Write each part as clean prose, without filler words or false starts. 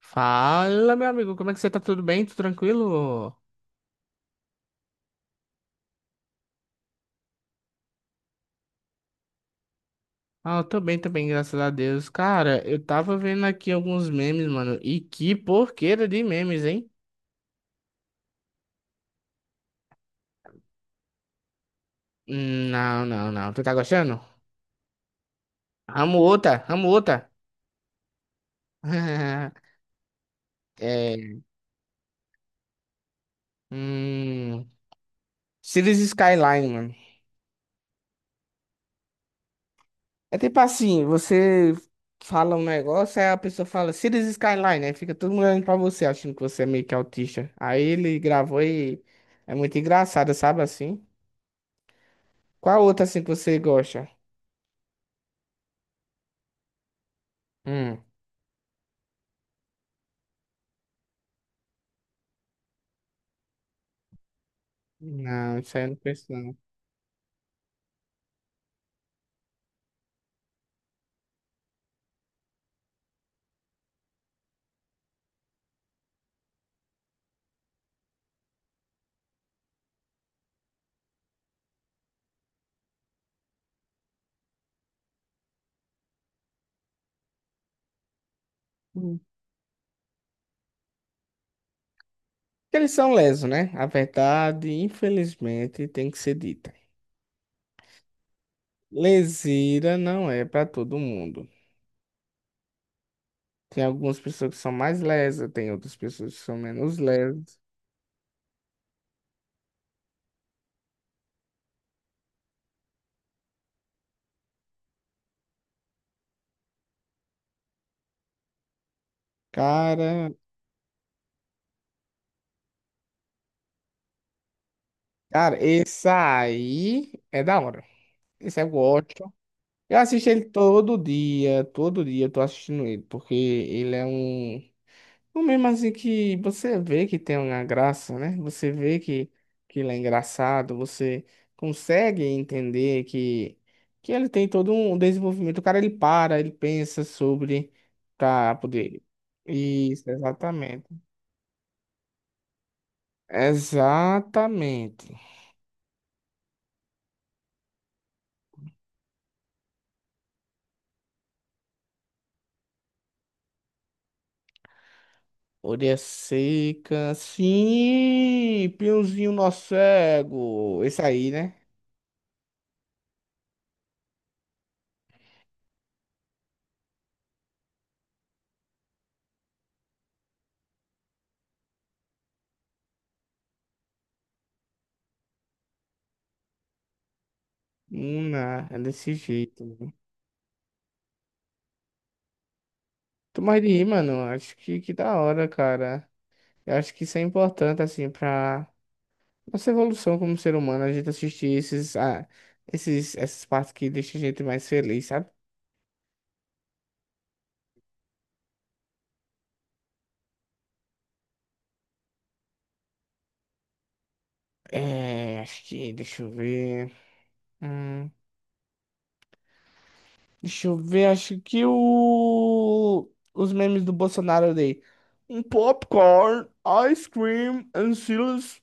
Fala, meu amigo, como é que você tá? Tudo bem? Tudo tranquilo? Ah, eu tô bem também, graças a Deus. Cara, eu tava vendo aqui alguns memes, mano. E que porqueira de memes, hein? Não, não, não. Tu tá gostando? Amo outra, amo outra. É. Hum. Cities Skyline, mano. É tipo assim, você fala um negócio, aí a pessoa fala Cities Skyline, aí fica todo mundo olhando pra você, achando que você é meio que autista. Aí ele gravou e é muito engraçado, sabe assim? Qual outra assim que você gosta? Hum. Não, isso aí eu não penso não. Hum. Eles são lesos, né? A verdade, infelizmente, tem que ser dita. Leseira não é para todo mundo. Tem algumas pessoas que são mais lesas, tem outras pessoas que são menos lesas. Cara, cara, esse aí é da hora. Esse eu gosto. Eu assisto ele todo dia eu tô assistindo ele, porque ele é um o mesmo assim que você vê que tem uma graça, né? Você vê que ele é engraçado, você consegue entender que ele tem todo um desenvolvimento. O cara, ele para, ele pensa sobre pra poder... Isso, exatamente. Exatamente. Orelha seca. Sim, Piozinho nosso cego. Esse aí, né? Ah, é desse jeito. Tô mais de rir, mano. Acho que da hora, cara. Eu acho que isso é importante, assim, pra nossa evolução como ser humano, a gente assistir esses, essas partes que deixam a gente mais feliz, sabe? É, acho que, deixa eu ver. Hum, deixa eu ver, acho que o... os memes do Bolsonaro eu dei. Um popcorn, ice cream and silas.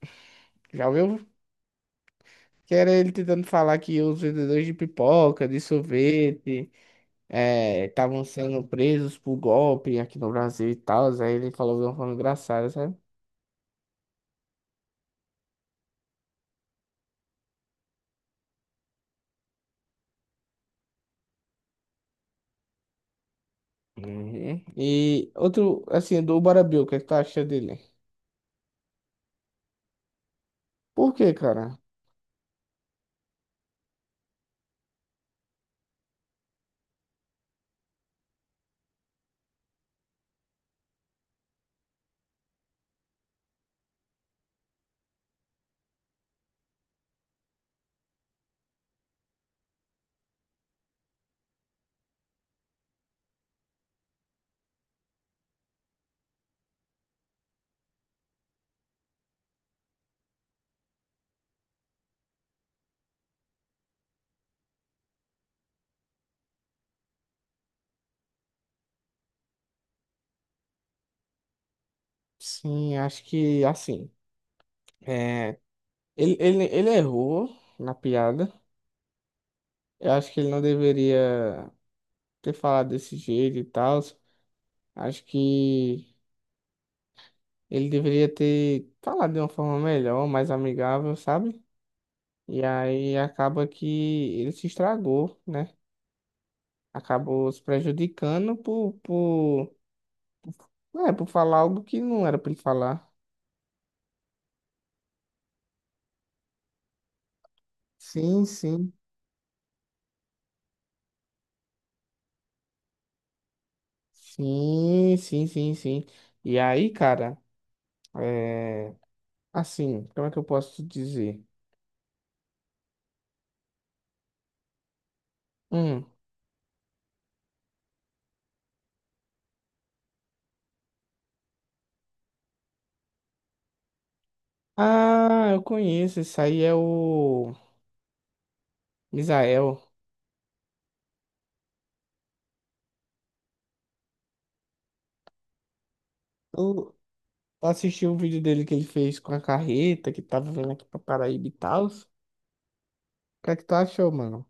Já ouviu? Que era ele tentando falar que os vendedores de pipoca, de sorvete estavam sendo presos por golpe aqui no Brasil e tal. Aí ele falou de uma forma engraçada, sabe? Uhum. E outro, assim, do Bora Bill, o que é que tu acha dele? Por quê, cara? Sim, acho que, assim, é, ele errou na piada. Eu acho que ele não deveria ter falado desse jeito e tal. Acho que ele deveria ter falado de uma forma melhor, mais amigável, sabe? E aí acaba que ele se estragou, né? Acabou se prejudicando é, por falar algo que não era pra ele falar. Sim, sim. Sim, sim, sim, sim. E aí, cara, é, assim, como é que eu posso dizer? Hum. Ah, eu conheço, esse aí é o Misael. Eu assisti o vídeo dele que ele fez com a carreta, que tava vindo aqui pra Paraíba e tal. O que é que tu achou, mano?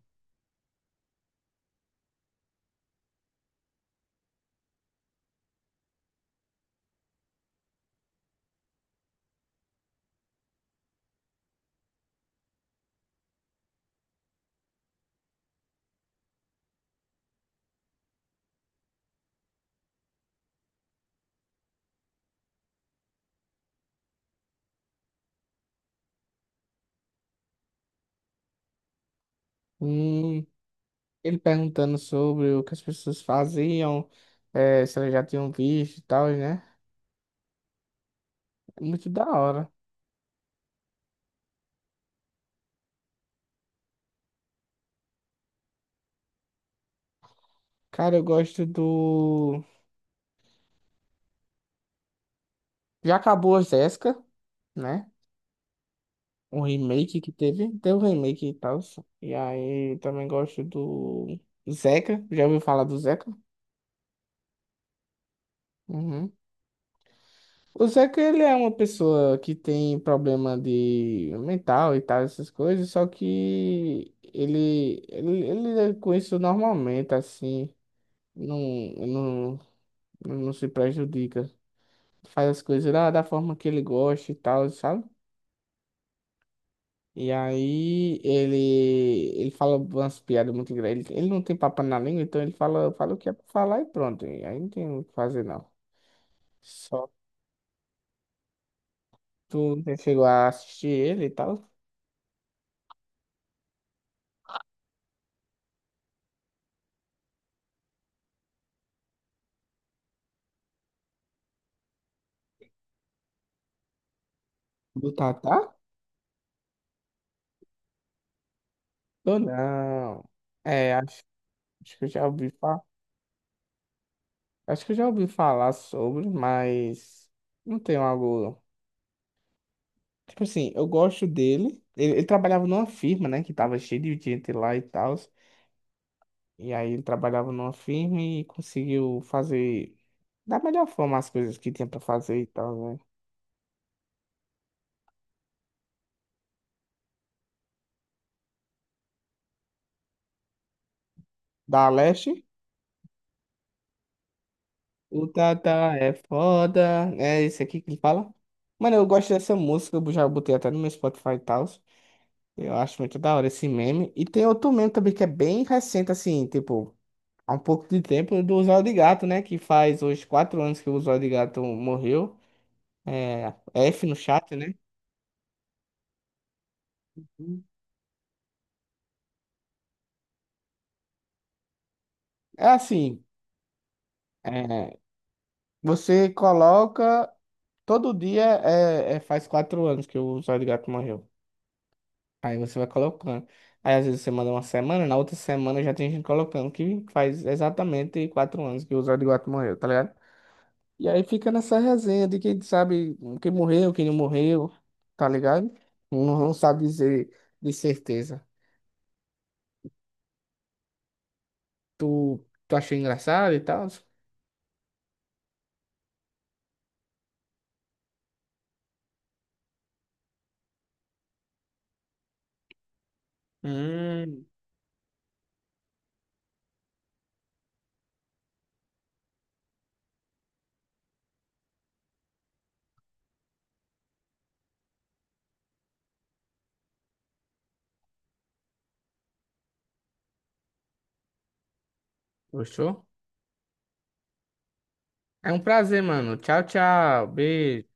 Hum, ele perguntando sobre o que as pessoas faziam, se elas já tinham visto e tal, né? Muito da hora. Cara, eu gosto do. Já acabou a Jéssica, né? Um remake que teve. Teve um remake e tal. E aí também gosto do Zeca. Já ouviu falar do Zeca? Uhum. O Zeca, ele é uma pessoa que tem problema de mental e tal, essas coisas, só que ele lida com isso normalmente, assim. Não, não, não se prejudica. Faz as coisas da forma que ele gosta e tal, sabe? E aí ele fala umas piadas muito grandes. Ele não tem papo na língua, então ele fala, fala o que é pra falar e pronto. E aí não tem o que fazer, não. Só tu não chegou a assistir ele e tal. Do Tatá? Ou não? É, acho que eu já ouvi falar. Acho que eu já ouvi falar sobre, mas não tenho algo. Tipo assim, eu gosto dele. Ele trabalhava numa firma, né? Que tava cheio de gente lá e tal. E aí ele trabalhava numa firma e conseguiu fazer da melhor forma as coisas que tinha pra fazer e tal, né? Da Leste. O Tata é foda. É esse aqui que ele fala. Mano, eu gosto dessa música. Eu já botei até no meu Spotify e tal. Eu acho muito da hora esse meme. E tem outro meme também que é bem recente, assim, tipo, há um pouco de tempo, do Usuário de Gato, né? Que faz hoje 4 anos que o Usuário de Gato morreu. É, F no chat, né? É assim, é, você coloca. Todo dia é, é- faz 4 anos que o Zóio de Gato morreu. Aí você vai colocando. Aí às vezes você manda uma semana, na outra semana já tem gente colocando que faz exatamente 4 anos que o Zóio de Gato morreu, tá ligado? E aí fica nessa resenha de quem sabe quem morreu, quem não morreu, tá ligado? Não, não sabe dizer de certeza. Tu, tu achou engraçado e tal? Hum, Gostou? É um prazer, mano. Tchau, tchau. Beijo.